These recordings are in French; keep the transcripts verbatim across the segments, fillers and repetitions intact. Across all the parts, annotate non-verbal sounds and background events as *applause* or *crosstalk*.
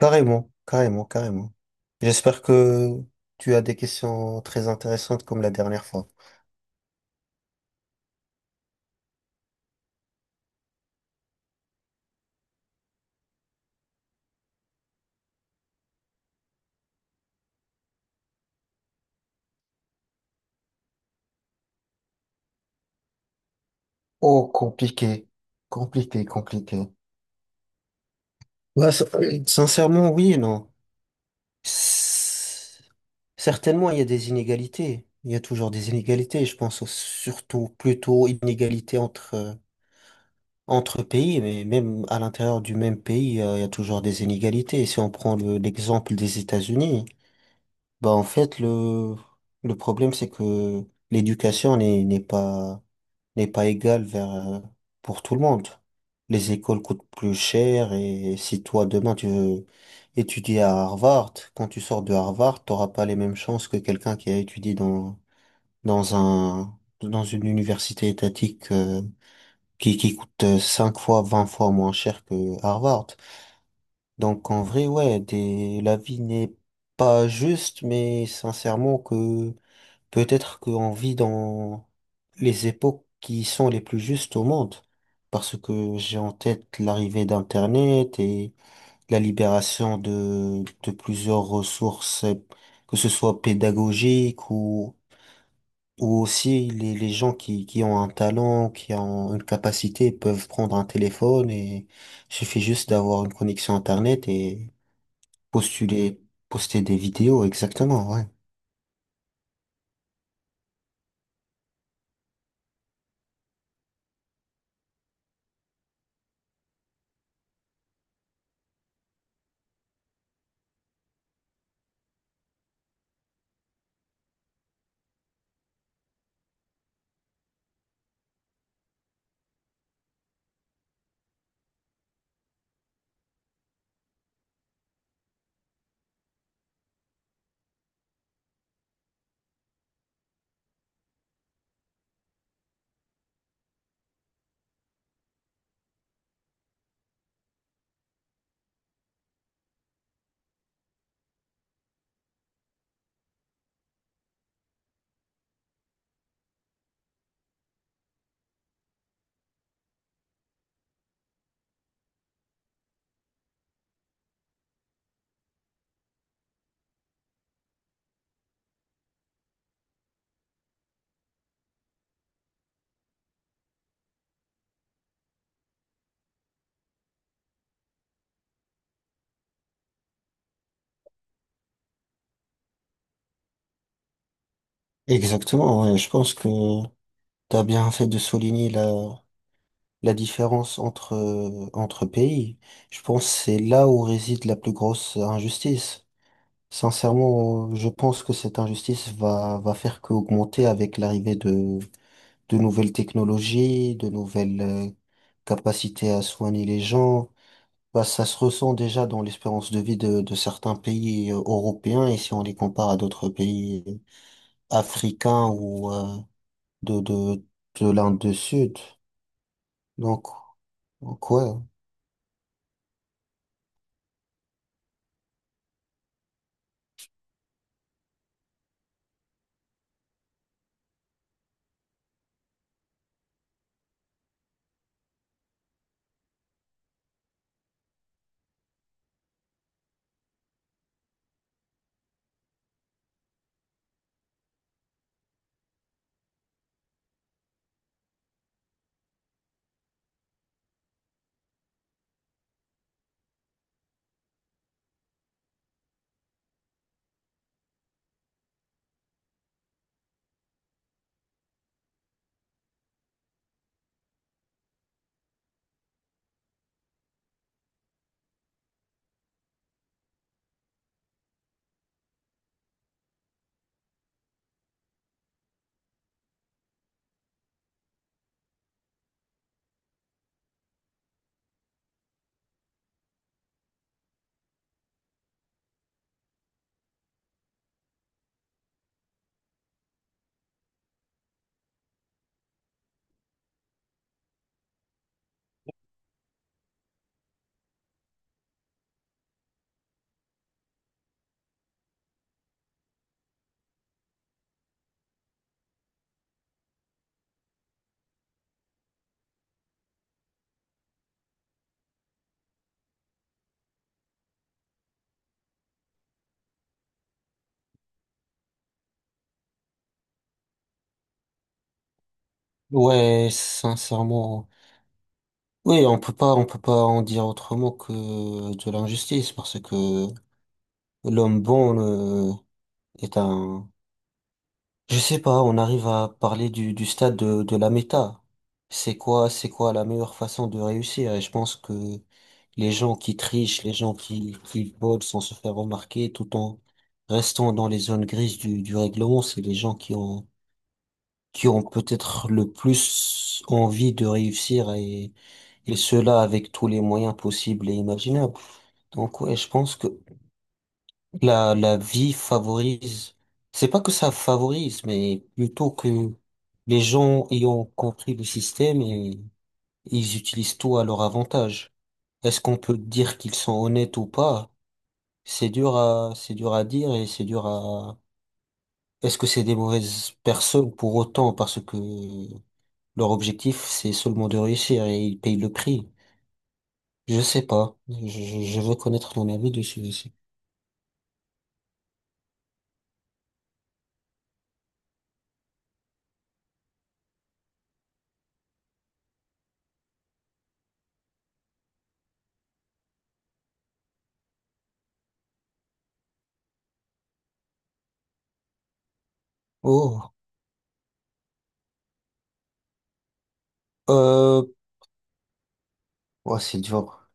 Carrément, carrément, carrément. J'espère que tu as des questions très intéressantes comme la dernière fois. Oh, compliqué, compliqué, compliqué. Ouais, ça- sincèrement, oui et non. S- Certainement, il y a des inégalités. Il y a toujours des inégalités. Je pense au- surtout plutôt inégalités entre, euh, entre pays, mais même à l'intérieur du même pays, euh, il y a toujours des inégalités. Si on prend le- l'exemple des États-Unis. Bah, en fait, le, le problème, c'est que l'éducation n'est, n'est pas, n'est pas égale vers, euh, pour tout le monde. Les écoles coûtent plus cher et si toi, demain, tu veux étudier à Harvard, quand tu sors de Harvard, t'auras pas les mêmes chances que quelqu'un qui a étudié dans, dans un, dans une université étatique, euh, qui, qui coûte euh, cinq fois, vingt fois moins cher que Harvard. Donc, en vrai, ouais, des, la vie n'est pas juste, mais sincèrement que peut-être qu'on vit dans les époques qui sont les plus justes au monde, parce que j'ai en tête l'arrivée d'Internet et la libération de, de plusieurs ressources, que ce soit pédagogiques ou, ou aussi les, les gens qui, qui ont un talent, qui ont une capacité, peuvent prendre un téléphone et suffit juste d'avoir une connexion Internet et postuler, poster des vidéos, exactement, ouais. Exactement, ouais. Je pense que t'as bien fait de souligner la, la différence entre, euh, entre pays. Je pense que c'est là où réside la plus grosse injustice. Sincèrement, je pense que cette injustice va, va faire qu'augmenter avec l'arrivée de, de nouvelles technologies, de nouvelles euh, capacités à soigner les gens. Bah, ça se ressent déjà dans l'espérance de vie de, de certains pays euh, européens et si on les compare à d'autres pays euh, africains ou euh, de, de, de l'Inde du Sud. Donc, Donc ouais, ouais, sincèrement, oui, on peut pas, on peut pas en dire autrement que de l'injustice, parce que l'homme bon euh, est un, je sais pas, on arrive à parler du, du stade de, de la méta. C'est quoi, c'est quoi la meilleure façon de réussir? Et je pense que les gens qui trichent, les gens qui, qui volent sans se faire remarquer, tout en restant dans les zones grises du, du règlement, c'est les gens qui ont, qui ont peut-être le plus envie de réussir et cela avec tous les moyens possibles et imaginables. Donc ouais, je pense que la, la vie favorise, c'est pas que ça favorise, mais plutôt que les gens ayant compris le système et ils utilisent tout à leur avantage. Est-ce qu'on peut dire qu'ils sont honnêtes ou pas? C'est dur à, c'est dur à dire et c'est dur à, est-ce que c'est des mauvaises personnes pour autant parce que leur objectif c'est seulement de réussir et ils payent le prix. Je sais pas. Je, je je veux connaître mon avis dessus aussi. Oh, euh, ouais, c'est dur.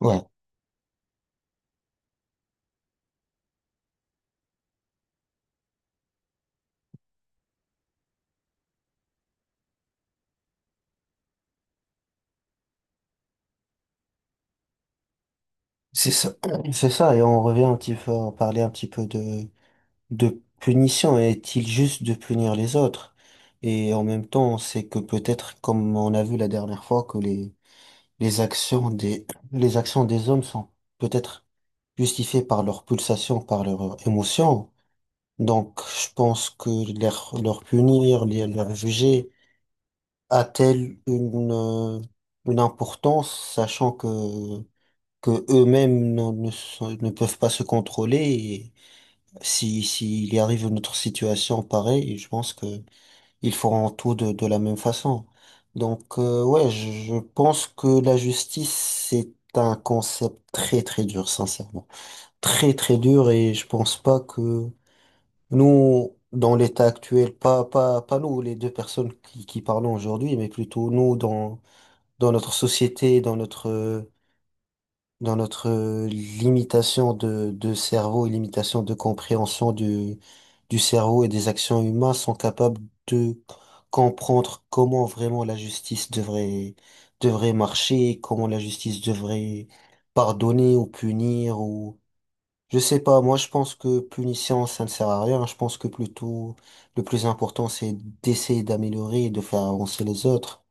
Ouais, c'est ça. *clears throat* C'est ça. Et on revient un petit peu, on parlait un petit peu de, de punition. Est-il juste de punir les autres? Et en même temps, c'est que peut-être, comme on a vu la dernière fois, que les, les actions des, *clears throat* les actions des hommes sont peut-être justifiées par leur pulsation, par leurs émotions. Donc, je pense que leur, leur punir, les- leur juger, a-t-elle une, euh, une importance, sachant que, que eux-mêmes ne, ne, sont- ne peuvent pas se contrôler et si, s'il y arrive une autre situation pareille, je pense que ils feront tout de, de la même façon. Donc, euh, ouais, je, je pense que la justice, c'est un concept très, très dur, sincèrement. Très, très dur et je pense pas que nous, dans l'état actuel, pas, pas, pas nous, les deux personnes qui, qui parlons aujourd'hui, mais plutôt nous dans dans notre société, dans notre, euh, dans notre euh, limitation de, de cerveau et limitation de compréhension du, du cerveau et des actions humaines sont capables de comprendre comment vraiment la justice devrait, devrait marcher, comment la justice devrait pardonner ou punir ou, je sais pas, moi je pense que punition ça ne sert à rien, je pense que plutôt le plus important c'est d'essayer d'améliorer et de faire avancer les autres.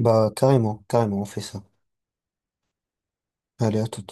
Bah carrément, carrément, on fait ça. Allez, à tout.